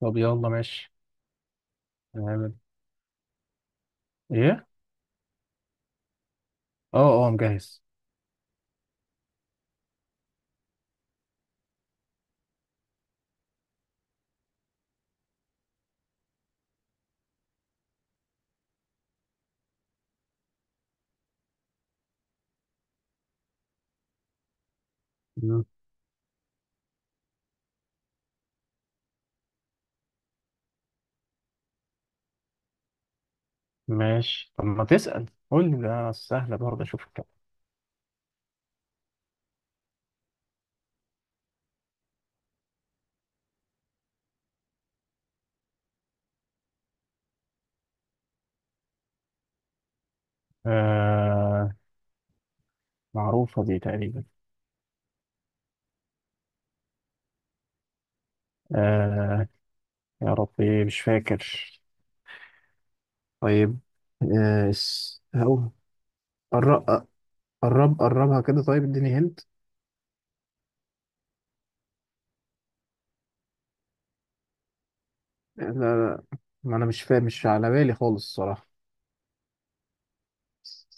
طب يلا ماشي. هنعمل ايه؟ اه اه، مجهز. مم. ماشي، طب ما تسأل. قول لي، ده سهلة برضه، اشوف الكلام. آه، معروفة دي تقريبا. آه، يا ربي مش فاكر. طيب. هو. قرب، قرب قربها كده. طيب، اديني هنت. لا، لا، ما انا مش فاهم، مش على بالي خالص الصراحة.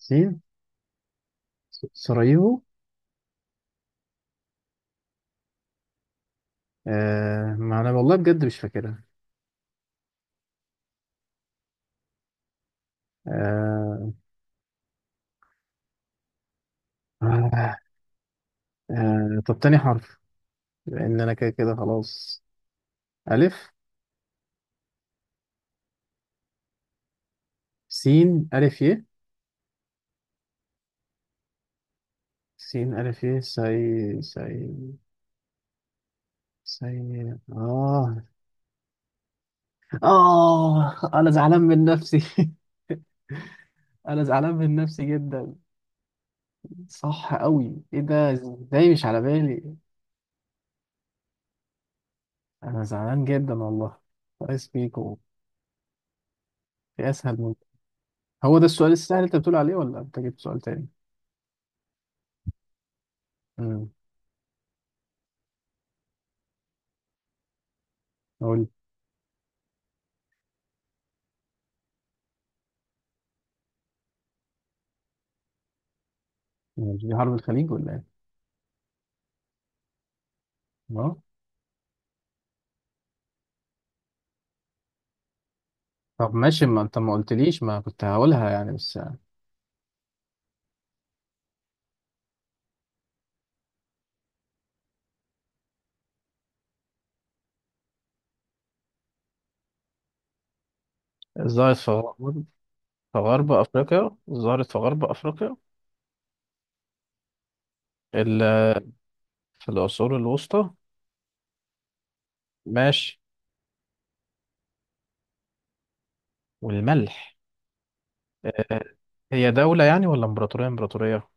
سين. سراييفو. آه، ما انا والله بجد مش فاكرها. آه، آه، آه، طب تاني حرف. لان انا كده كده خلاص. الف. سين الف ي. سين الف ي سي. سي. سي. اه. اه، انا زعلان من نفسي. انا زعلان من نفسي جدا. صح قوي، ايه ده؟ ازاي مش على بالي؟ انا زعلان جدا والله. كويس بيكو. في اسهل من. هو ده السؤال السهل اللي انت بتقول عليه ولا انت جبت سؤال تاني؟ امم. قول. مش دي حرب الخليج ولا ايه؟ اه. طب ماشي، ما انت ما قلتليش، ما كنت هقولها يعني بس. الظاهر. في غرب أفريقيا، ظهرت في غرب أفريقيا. ال- في العصور الوسطى. ماشي، والملح. آه، هي دولة يعني ولا إمبراطورية؟ إمبراطورية.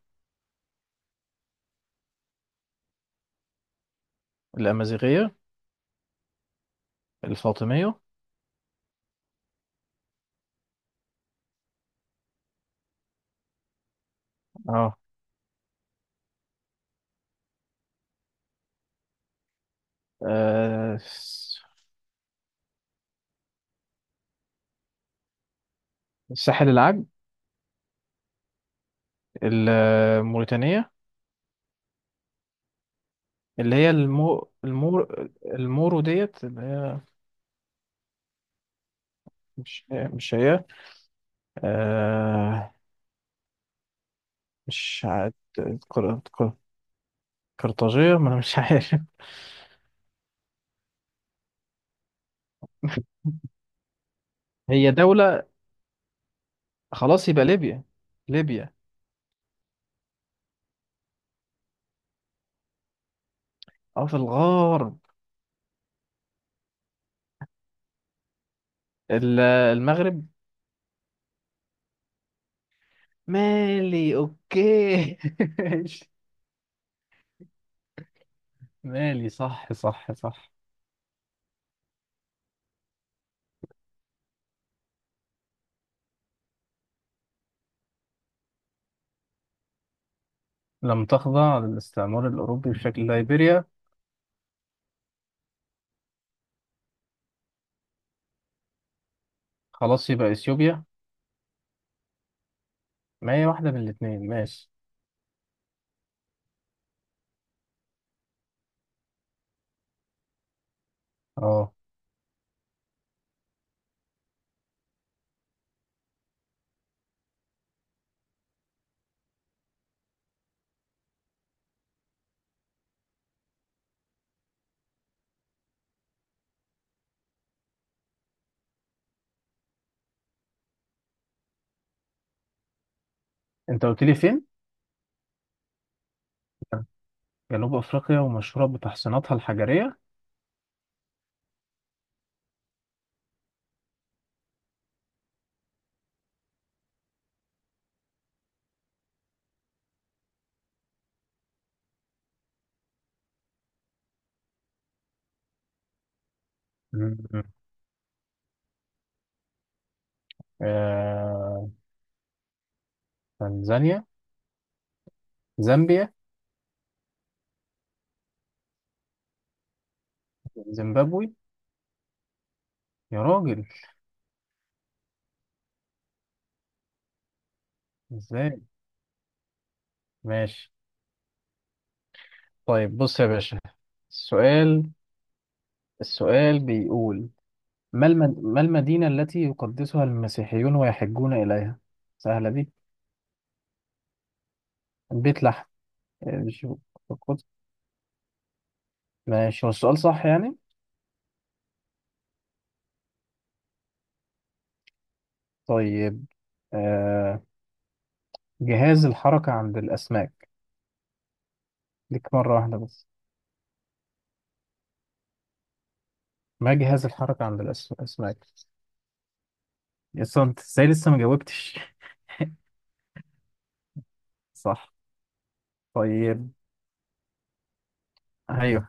الأمازيغية. الفاطمية. اه. آه، الس- الساحل العاج. الموريتانية. اللي هي المورو ديت، اللي هي. مش هي. آه. مش عاد. قر- قر- قرطاجية، ما أنا مش عارف. هي دولة. خلاص يبقى ليبيا. ليبيا. اه، في الغرب. المغرب. مالي اوكي ماشي. مالي، صح صح صح. لم تخضع للاستعمار الأوروبي بشكل، ليبيريا. خلاص يبقى إثيوبيا. ما هي واحدة من الاتنين، ماشي. اه. انت قلت لي فين؟ جنوب أفريقيا، ومشهورة بتحصيناتها الحجرية. مم. آه... تنزانيا. زامبيا. زيمبابوي. يا راجل. ازاي؟ ماشي. طيب بص يا باشا، السؤال، السؤال بيقول، ما المدينة التي يقدسها المسيحيون ويحجون إليها؟ سهلة دي. بيت لحم. مش في القدس؟ ماشي، هو السؤال صح يعني؟ طيب. آه... جهاز الحركة عند الأسماك؟ ليك مرة واحدة بس. ما جهاز الحركة عند الأسماك؟ لسه أنت إزاي لسه ما جاوبتش؟ صح. طيب أيوه،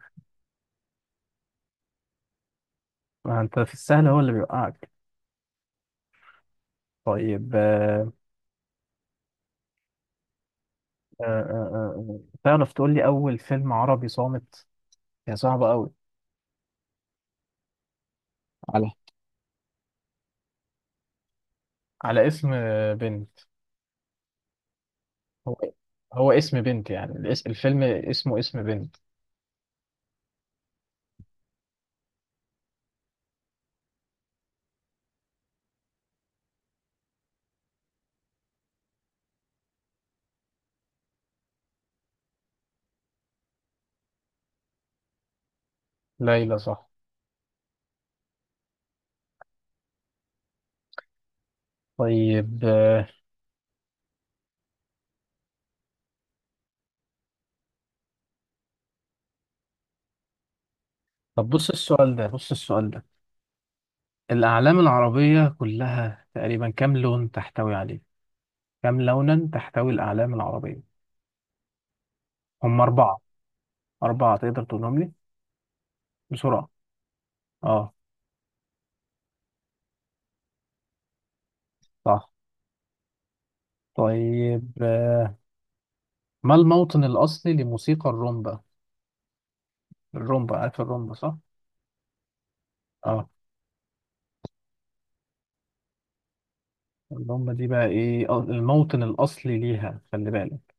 ما أنت في السهل هو اللي بيوقعك. طيب. آه... آه... آه... آه، آه، تعرف تقول لي أول فيلم عربي صامت؟ هي صعبة أوي. على على اسم آه، بنت. هو هو اسم بنت يعني، الفيلم اسمه اسم بنت. ليلى، صح. طيب. آه، طب بص السؤال ده، بص السؤال ده، الأعلام العربية كلها تقريبا كم لون تحتوي عليه؟ كم لونا تحتوي الأعلام العربية؟ هم أربعة. أربعة، تقدر تقولهم لي بسرعة؟ اه. صح. طيب. آه، ما الموطن الأصلي لموسيقى الرومبا؟ الرومبا، عارف الرومبا صح؟ اه. الرومبا دي بقى ايه، آه، الموطن الأصلي ليها، خلي بالك.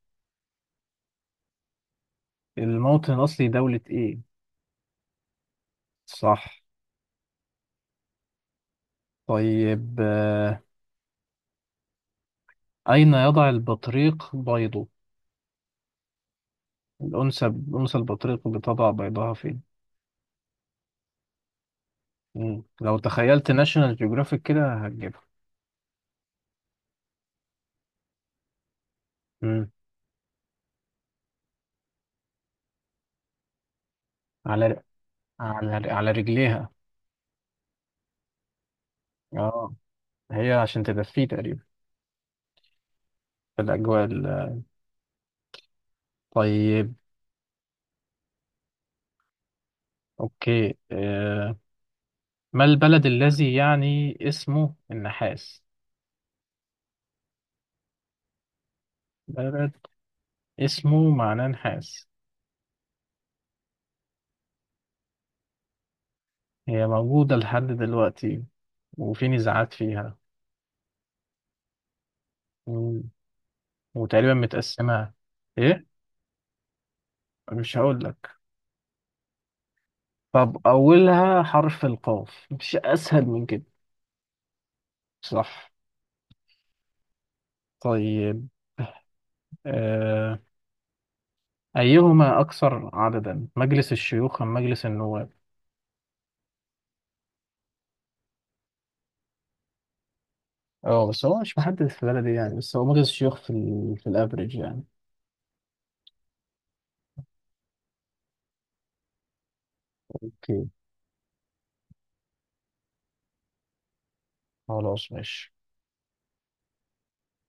الموطن الأصلي دولة ايه؟ صح. طيب. آه، أين يضع البطريق بيضه؟ الأنثى، أنثى البطريق بتضع بيضها فين؟ مم. لو تخيلت ناشونال جيوغرافيك كده هتجيبها. مم. على ر- على على رجليها. اه، هي عشان تدفيه تقريبا. في الأجواء طيب. أوكي. آه. ما البلد الذي يعني اسمه النحاس؟ بلد اسمه معناه نحاس. هي موجودة لحد دلوقتي، وفي نزاعات فيها، وتقريبا متقسمة. ايه؟ مش هقول لك. طب اولها حرف القاف، مش اسهل من كده؟ صح. طيب. آه. ايهما اكثر عددا، مجلس الشيوخ ام مجلس النواب؟ اه، بس هو مش محدد في البلد يعني، بس هو مجلس الشيوخ في الافريج يعني. اوكي. خلاص ماشي.